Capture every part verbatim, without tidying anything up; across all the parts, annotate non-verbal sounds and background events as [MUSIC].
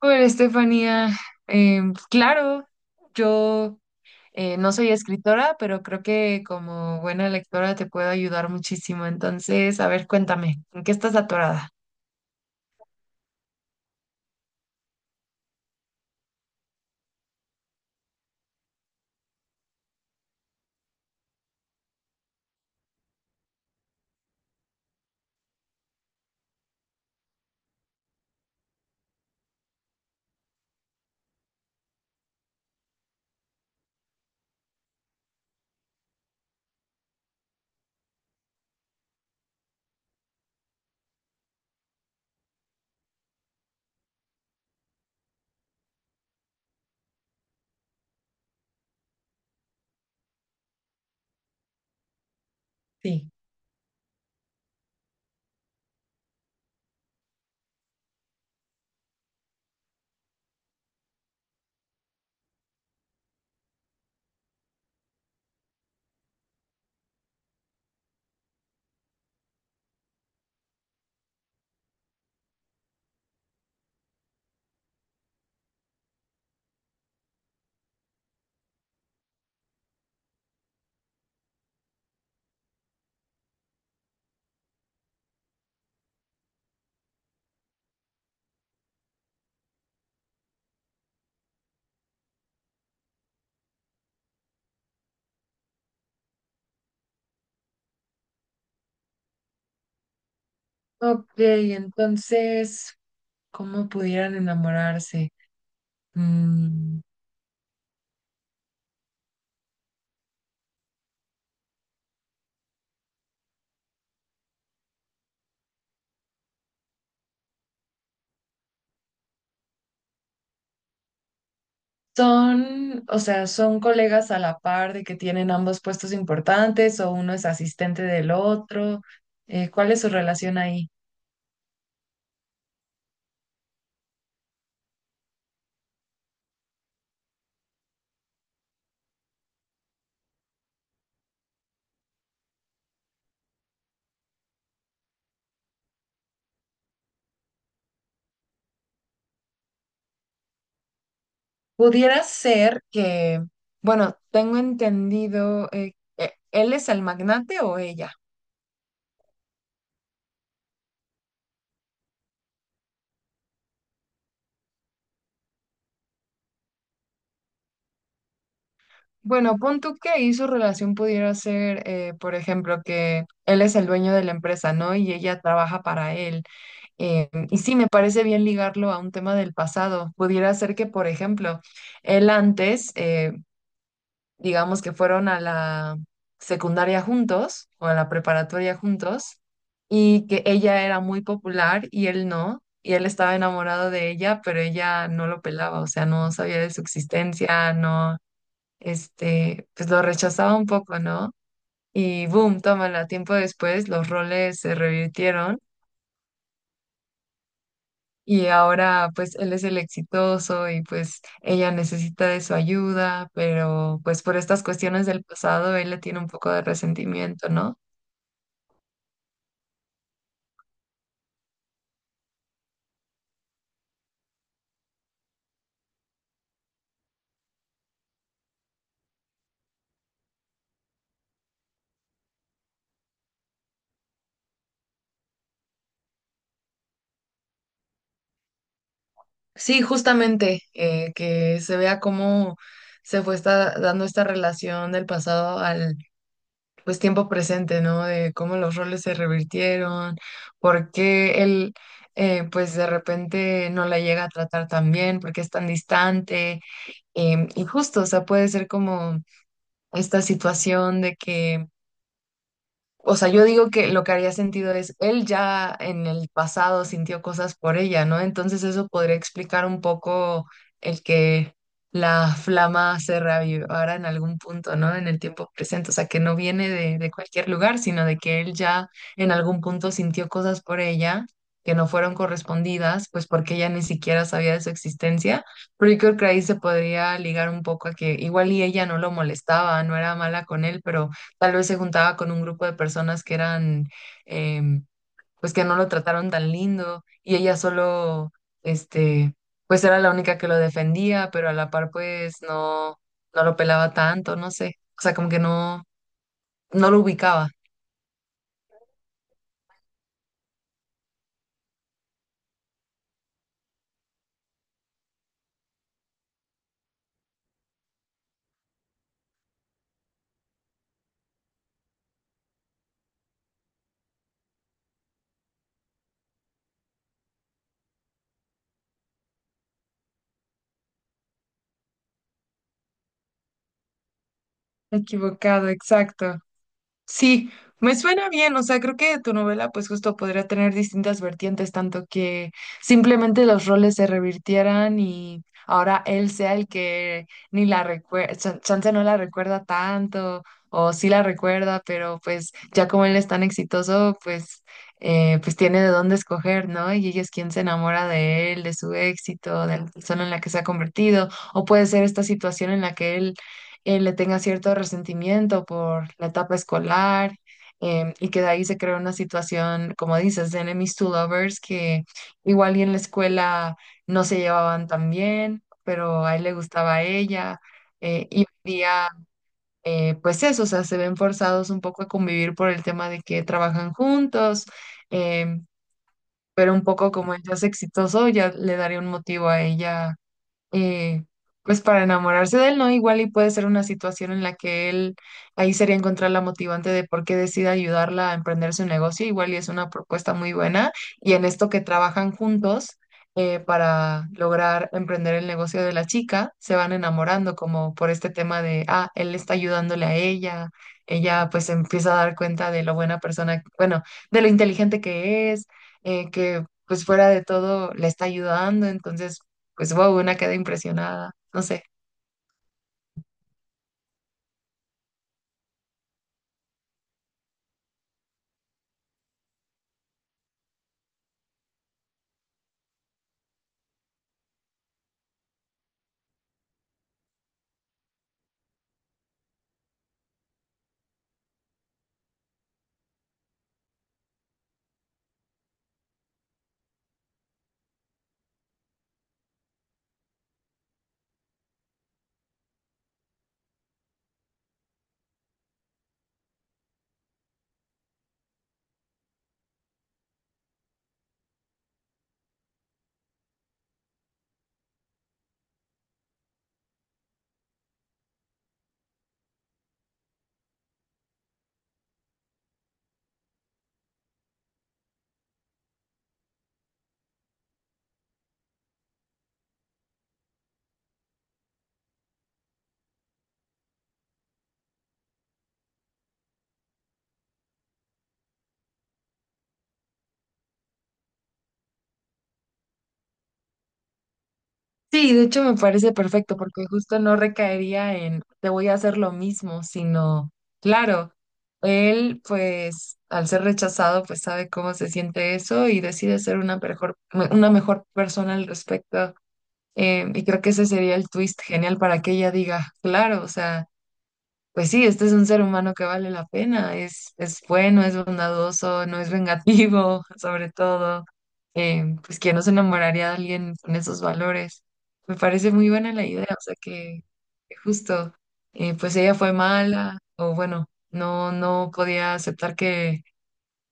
Hola, Estefanía. Em, claro, yo eh, no soy escritora, pero creo que como buena lectora te puedo ayudar muchísimo. Entonces, a ver, cuéntame, ¿en qué estás atorada? Sí. Ok, entonces, ¿cómo pudieran enamorarse? Mm, son, o sea, son colegas a la par de que tienen ambos puestos importantes o uno es asistente del otro. Eh, ¿cuál es su relación ahí? Pudiera ser que, bueno, tengo entendido, eh, eh, ¿él es el magnate o ella? Bueno, pon tú que ahí su relación pudiera ser, eh, por ejemplo, que él es el dueño de la empresa, ¿no? Y ella trabaja para él. Eh, y sí, me parece bien ligarlo a un tema del pasado. Pudiera ser que, por ejemplo, él antes, eh, digamos que fueron a la secundaria juntos o a la preparatoria juntos y que ella era muy popular y él no, y él estaba enamorado de ella, pero ella no lo pelaba, o sea, no sabía de su existencia, no, este, pues lo rechazaba un poco, ¿no? Y boom, tómala, tiempo después los roles se revirtieron. Y ahora pues él es el exitoso y pues ella necesita de su ayuda, pero pues por estas cuestiones del pasado él le tiene un poco de resentimiento, ¿no? Sí, justamente, eh, que se vea cómo se fue esta- dando esta relación del pasado al pues tiempo presente, ¿no? De cómo los roles se revirtieron, por qué él eh, pues de repente no la llega a tratar tan bien, por qué es tan distante, em, y justo, o sea, puede ser como esta situación de que o sea, yo digo que lo que haría sentido es, él ya en el pasado sintió cosas por ella, ¿no? Entonces eso podría explicar un poco el que la flama se reavivara en algún punto, ¿no? En el tiempo presente. O sea, que no viene de, de cualquier lugar, sino de que él ya en algún punto sintió cosas por ella que no fueron correspondidas, pues porque ella ni siquiera sabía de su existencia. Pero yo creo que ahí se podría ligar un poco a que igual y ella no lo molestaba, no era mala con él, pero tal vez se juntaba con un grupo de personas que eran, em, pues que no lo trataron tan lindo y ella solo, este, pues era la única que lo defendía, pero a la par pues no, no lo pelaba tanto, no sé. O sea, como que no, no lo ubicaba. Equivocado, exacto. Sí, me suena bien, o sea, creo que tu novela pues justo podría tener distintas vertientes, tanto que simplemente los roles se revirtieran y ahora él sea el que ni la recuerda, chance no la recuerda tanto o sí la recuerda, pero pues ya como él es tan exitoso, pues eh, pues tiene de dónde escoger, ¿no? Y ella es quien se enamora de él, de su éxito, de la persona en la que se ha convertido, o puede ser esta situación en la que él eh, le tenga cierto resentimiento por la etapa escolar, em, y que de ahí se crea una situación, como dices, de enemies to lovers, que igual y en la escuela no se llevaban tan bien, pero a él le gustaba a ella eh, y hoy día, eh, pues eso, o sea, se ven forzados un poco a convivir por el tema de que trabajan juntos, em, pero un poco como él ya es exitoso, ya le daría un motivo a ella eh, pues para enamorarse de él, ¿no? Igual y puede ser una situación en la que él, ahí sería encontrar la motivante de por qué decide ayudarla a emprender su negocio, igual y es una propuesta muy buena, y en esto que trabajan juntos eh, para lograr emprender el negocio de la chica, se van enamorando como por este tema de, ah, él está ayudándole a ella, ella pues empieza a dar cuenta de lo buena persona, bueno, de lo inteligente que es, eh, que pues fuera de todo le está ayudando, entonces pues wow, una queda impresionada, no sé. Sí, de hecho me parece perfecto porque justo no recaería en te voy a hacer lo mismo, sino, claro, él pues al ser rechazado pues sabe cómo se siente eso y decide ser una mejor, una mejor persona al respecto. Em, y creo que ese sería el twist genial para que ella diga, claro, o sea... pues sí, este es un ser humano que vale la pena, es, es bueno, es bondadoso, no es vengativo, [LAUGHS] sobre todo. Eh, pues ¿quién no se enamoraría de alguien con esos valores? Me parece muy buena la idea, o sea que, que justo, eh, pues ella fue mala, o bueno, no, no podía aceptar que,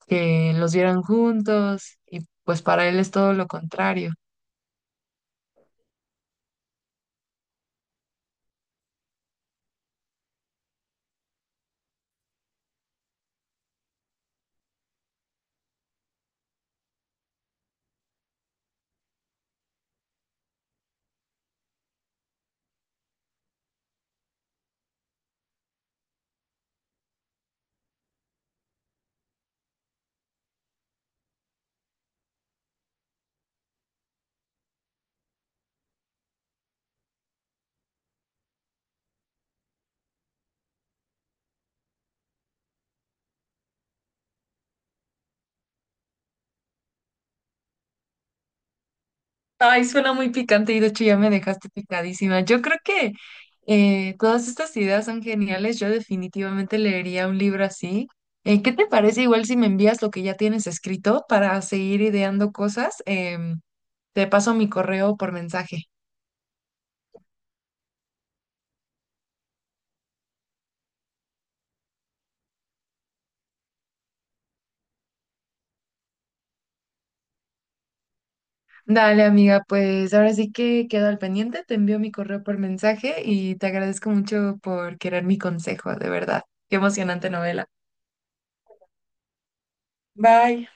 que los vieran juntos, y pues para él es todo lo contrario. Ay, suena muy picante y de hecho ya me dejaste picadísima. Yo creo que eh, todas estas ideas son geniales. Yo definitivamente leería un libro así. Eh, ¿qué te parece igual si me envías lo que ya tienes escrito para seguir ideando cosas? Em, te paso mi correo por mensaje. Dale, amiga, pues ahora sí que quedo al pendiente. Te envío mi correo por mensaje y te agradezco mucho por querer mi consejo, de verdad. Qué emocionante novela. Bye.